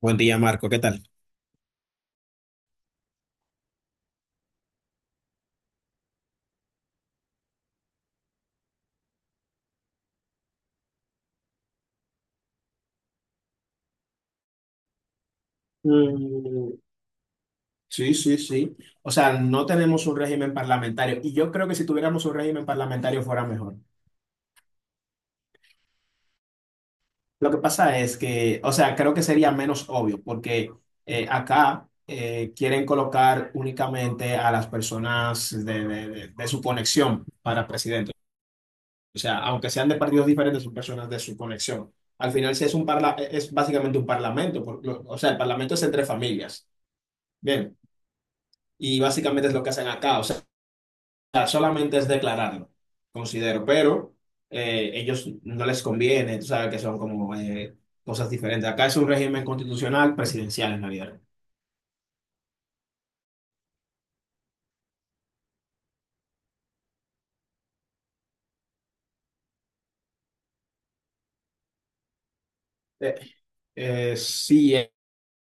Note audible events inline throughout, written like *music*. Buen día, Marco. ¿Qué tal? Mm, sí, sí, sí. O sea, no tenemos un régimen parlamentario y yo creo que si tuviéramos un régimen parlamentario fuera mejor. Lo que pasa es que, o sea, creo que sería menos obvio porque acá quieren colocar únicamente a las personas de su conexión para presidente. O sea, aunque sean de partidos diferentes, son personas de su conexión. Al final, es básicamente un parlamento, o sea, el parlamento es entre familias. Bien, y básicamente es lo que hacen acá. O sea, solamente es declararlo, considero, pero ellos no les conviene, tú sabes que son como cosas diferentes. Acá es un régimen constitucional presidencial en realidad. Eh, sí,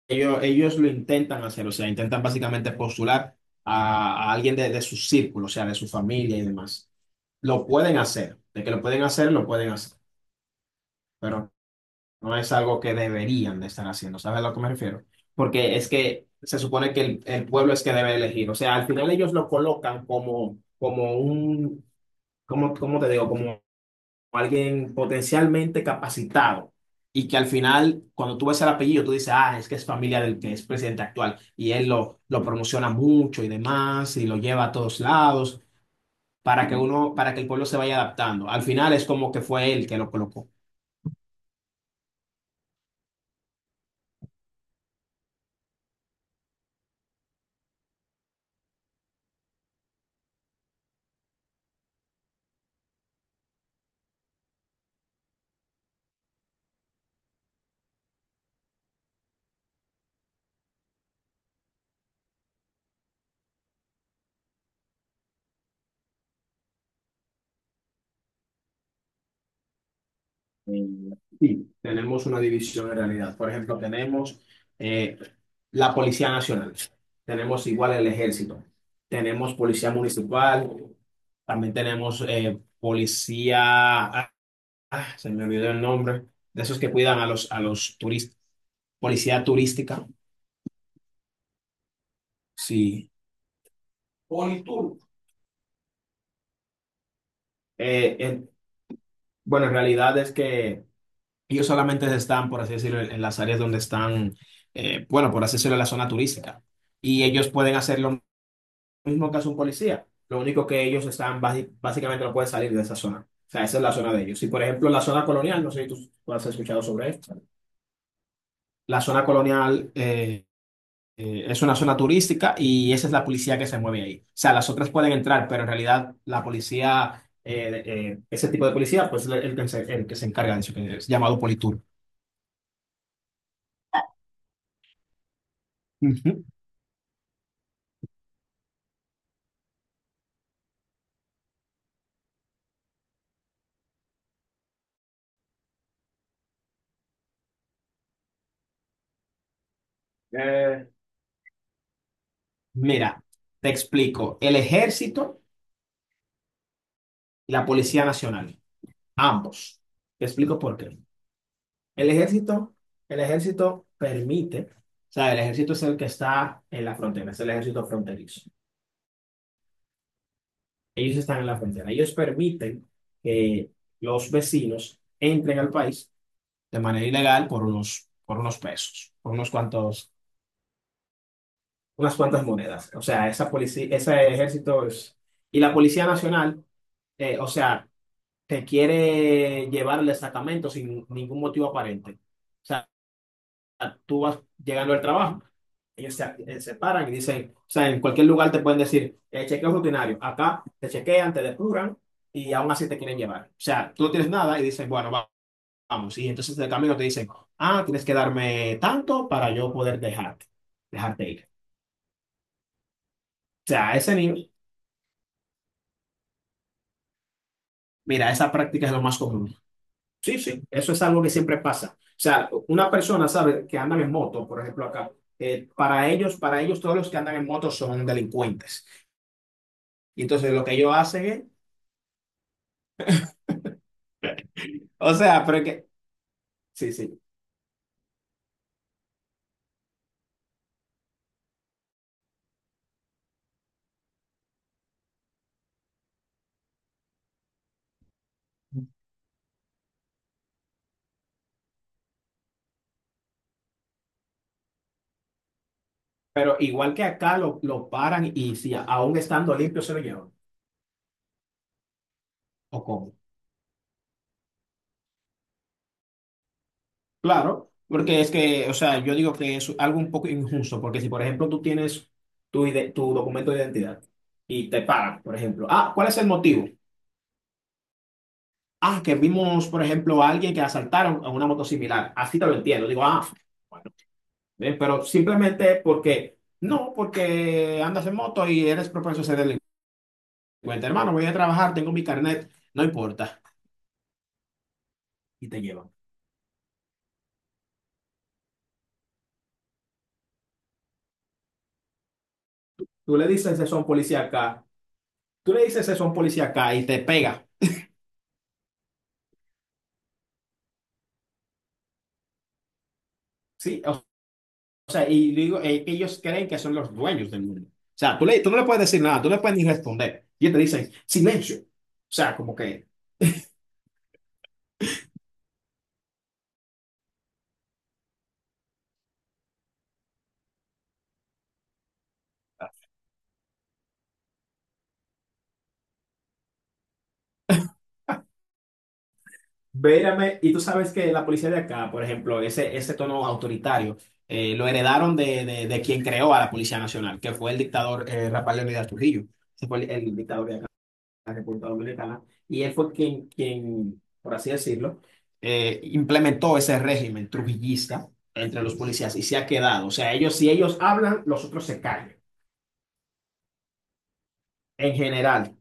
ellos lo intentan hacer, o sea, intentan básicamente postular a alguien de su círculo, o sea, de su familia y demás. Lo pueden hacer, de que lo pueden hacer, pero no es algo que deberían de estar haciendo, ¿sabes a lo que me refiero? Porque es que se supone que el pueblo es que debe elegir. O sea, al final ellos lo colocan como, como un, como, ¿cómo te digo? Como alguien potencialmente capacitado. Y que al final, cuando tú ves el apellido, tú dices, ah, es que es familia del que es presidente actual. Y él lo promociona mucho y demás, y lo lleva a todos lados, para que uno, para que el pueblo se vaya adaptando. Al final es como que fue él que lo colocó. Eh, sí, tenemos una división en realidad. Por ejemplo, tenemos eh, la Policía Nacional, tenemos igual el Ejército, tenemos Policía Municipal, también tenemos Policía, se me olvidó el nombre, de esos que cuidan a los turistas, Policía Turística, sí. Politur. Eh, eh, bueno, en realidad es que ellos solamente están, por así decirlo, en las áreas donde están, bueno, por así decirlo, en la zona turística. Y ellos pueden hacer lo mismo que hace un policía. Lo único que ellos están, básicamente no pueden salir de esa zona. O sea, esa es la zona de ellos. Y, por ejemplo, la zona colonial, no sé si tú has escuchado sobre esto. La zona colonial es una zona turística y esa es la policía que se mueve ahí. O sea, las otras pueden entrar, pero en realidad la policía, ese tipo de policía, pues es el que se encarga de eso, que es llamado Politur. Ujú. Mira, te explico. El ejército y la Policía Nacional, ambos. Te explico por qué. El ejército, el ejército permite, o sea, el ejército es el que está en la frontera, es el ejército fronterizo. Ellos están en la frontera. Ellos permiten que los vecinos entren al país de manera ilegal por unos pesos, por unos cuantos, unas cuantas monedas. O sea, esa policía, ese ejército es… Y la Policía Nacional, o sea te quiere llevar al destacamento sin ningún motivo aparente. O sea, tú vas llegando al trabajo, ellos se, se paran y dicen, o sea, en cualquier lugar te pueden decir, chequeo rutinario, acá te chequean, te depuran y aún así te quieren llevar. O sea, tú no tienes nada y dicen, bueno, vamos. Y entonces de camino te dicen, ah, tienes que darme tanto para yo poder dejarte, dejarte ir. O sea, a ese nivel, mira, esa práctica es lo más común. Sí, sí, eso es algo que siempre pasa. O sea, una persona sabe que andan en moto, por ejemplo, acá. Eh, para ellos, todos los que andan en moto son delincuentes. Y entonces lo que ellos hacen es, o sea, pero es que, sí, sí. Pero igual que acá lo paran y si aún estando limpio se lo llevan. ¿O cómo? Claro, porque es que, o sea, yo digo que es algo un poco injusto, porque si, por ejemplo, tú tienes tu, tu documento de identidad y te paran, por ejemplo, ah, ¿cuál es el motivo? Ah, que vimos, por ejemplo, a alguien que asaltaron a una moto similar. Así te lo entiendo. Digo, ah, bueno, pero simplemente porque, no, porque andas en moto y eres propenso a ser delincuente. Hermano, voy a trabajar, tengo mi carnet, no importa. Y te llevan. Tú le dices eso a un policía acá, tú le dices eso a un policía acá y te pega. Sí, o sea, y digo, ellos creen que son los dueños del mundo. O sea, tú, le, tú no le puedes decir nada, tú no le puedes ni responder. Y ellos te dicen, silencio. O sea, como que vérame, y tú sabes que la policía de acá, por ejemplo, ese tono autoritario, lo heredaron de quien creó a la Policía Nacional, que fue el dictador Rafael Leónidas Trujillo. Ese fue el dictador de acá, de la República Dominicana, y él fue quien, quien por así decirlo, implementó ese régimen trujillista entre los policías y se ha quedado. O sea, ellos, si ellos hablan, los otros se callan, en general.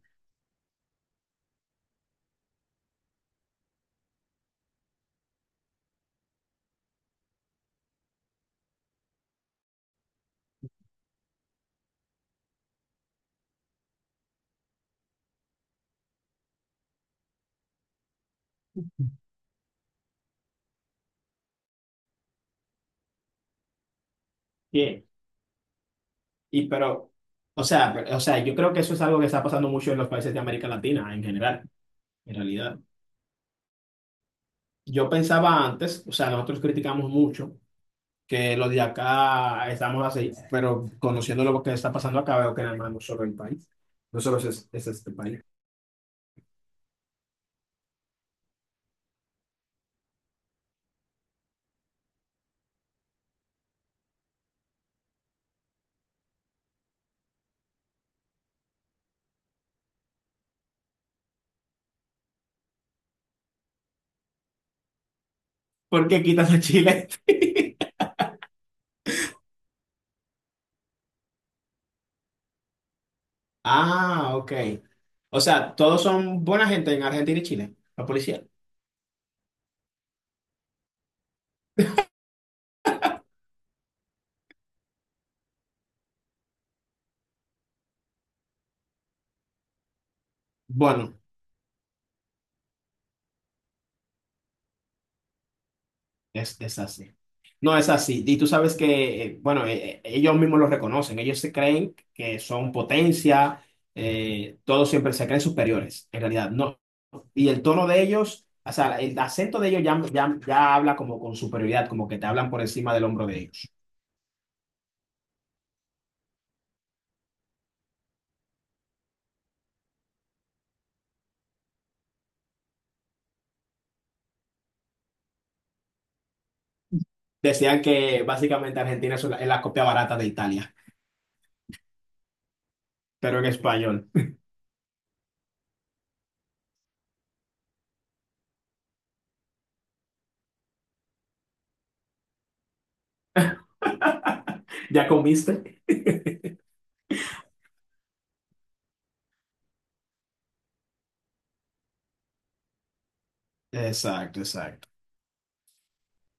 Bien. Y pero, o sea, o sea, yo creo que eso es algo que está pasando mucho en los países de América Latina en general. En realidad, yo pensaba antes, o sea, nosotros criticamos mucho que los de acá estamos así, pero conociendo lo que está pasando acá, veo que nada más no solo el país, no solo es este país. ¿Por qué quitas a Chile? *laughs* Ah, ok. O sea, todos son buena gente en Argentina y Chile, la policía. Bueno. Es así. No, es así. Y tú sabes que, bueno, ellos mismos lo reconocen. Ellos se creen que son potencia, todos siempre se creen superiores, en realidad. No. Y el tono de ellos, o sea, el acento de ellos ya, ya, ya habla como con superioridad, como que te hablan por encima del hombro de ellos. Decían que básicamente Argentina es la copia barata de Italia, pero en español. *laughs* ¿Ya comiste? Exacto, exacto.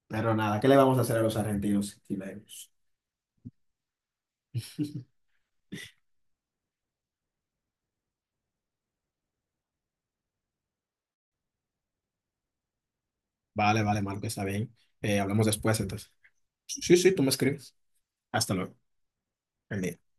Pero nada, ¿qué le vamos a hacer a los argentinos y chilenos? *laughs* Vale, vale, Marco, está bien. Hablamos después, entonces. Sí, sí, tú me escribes. Hasta luego. El día.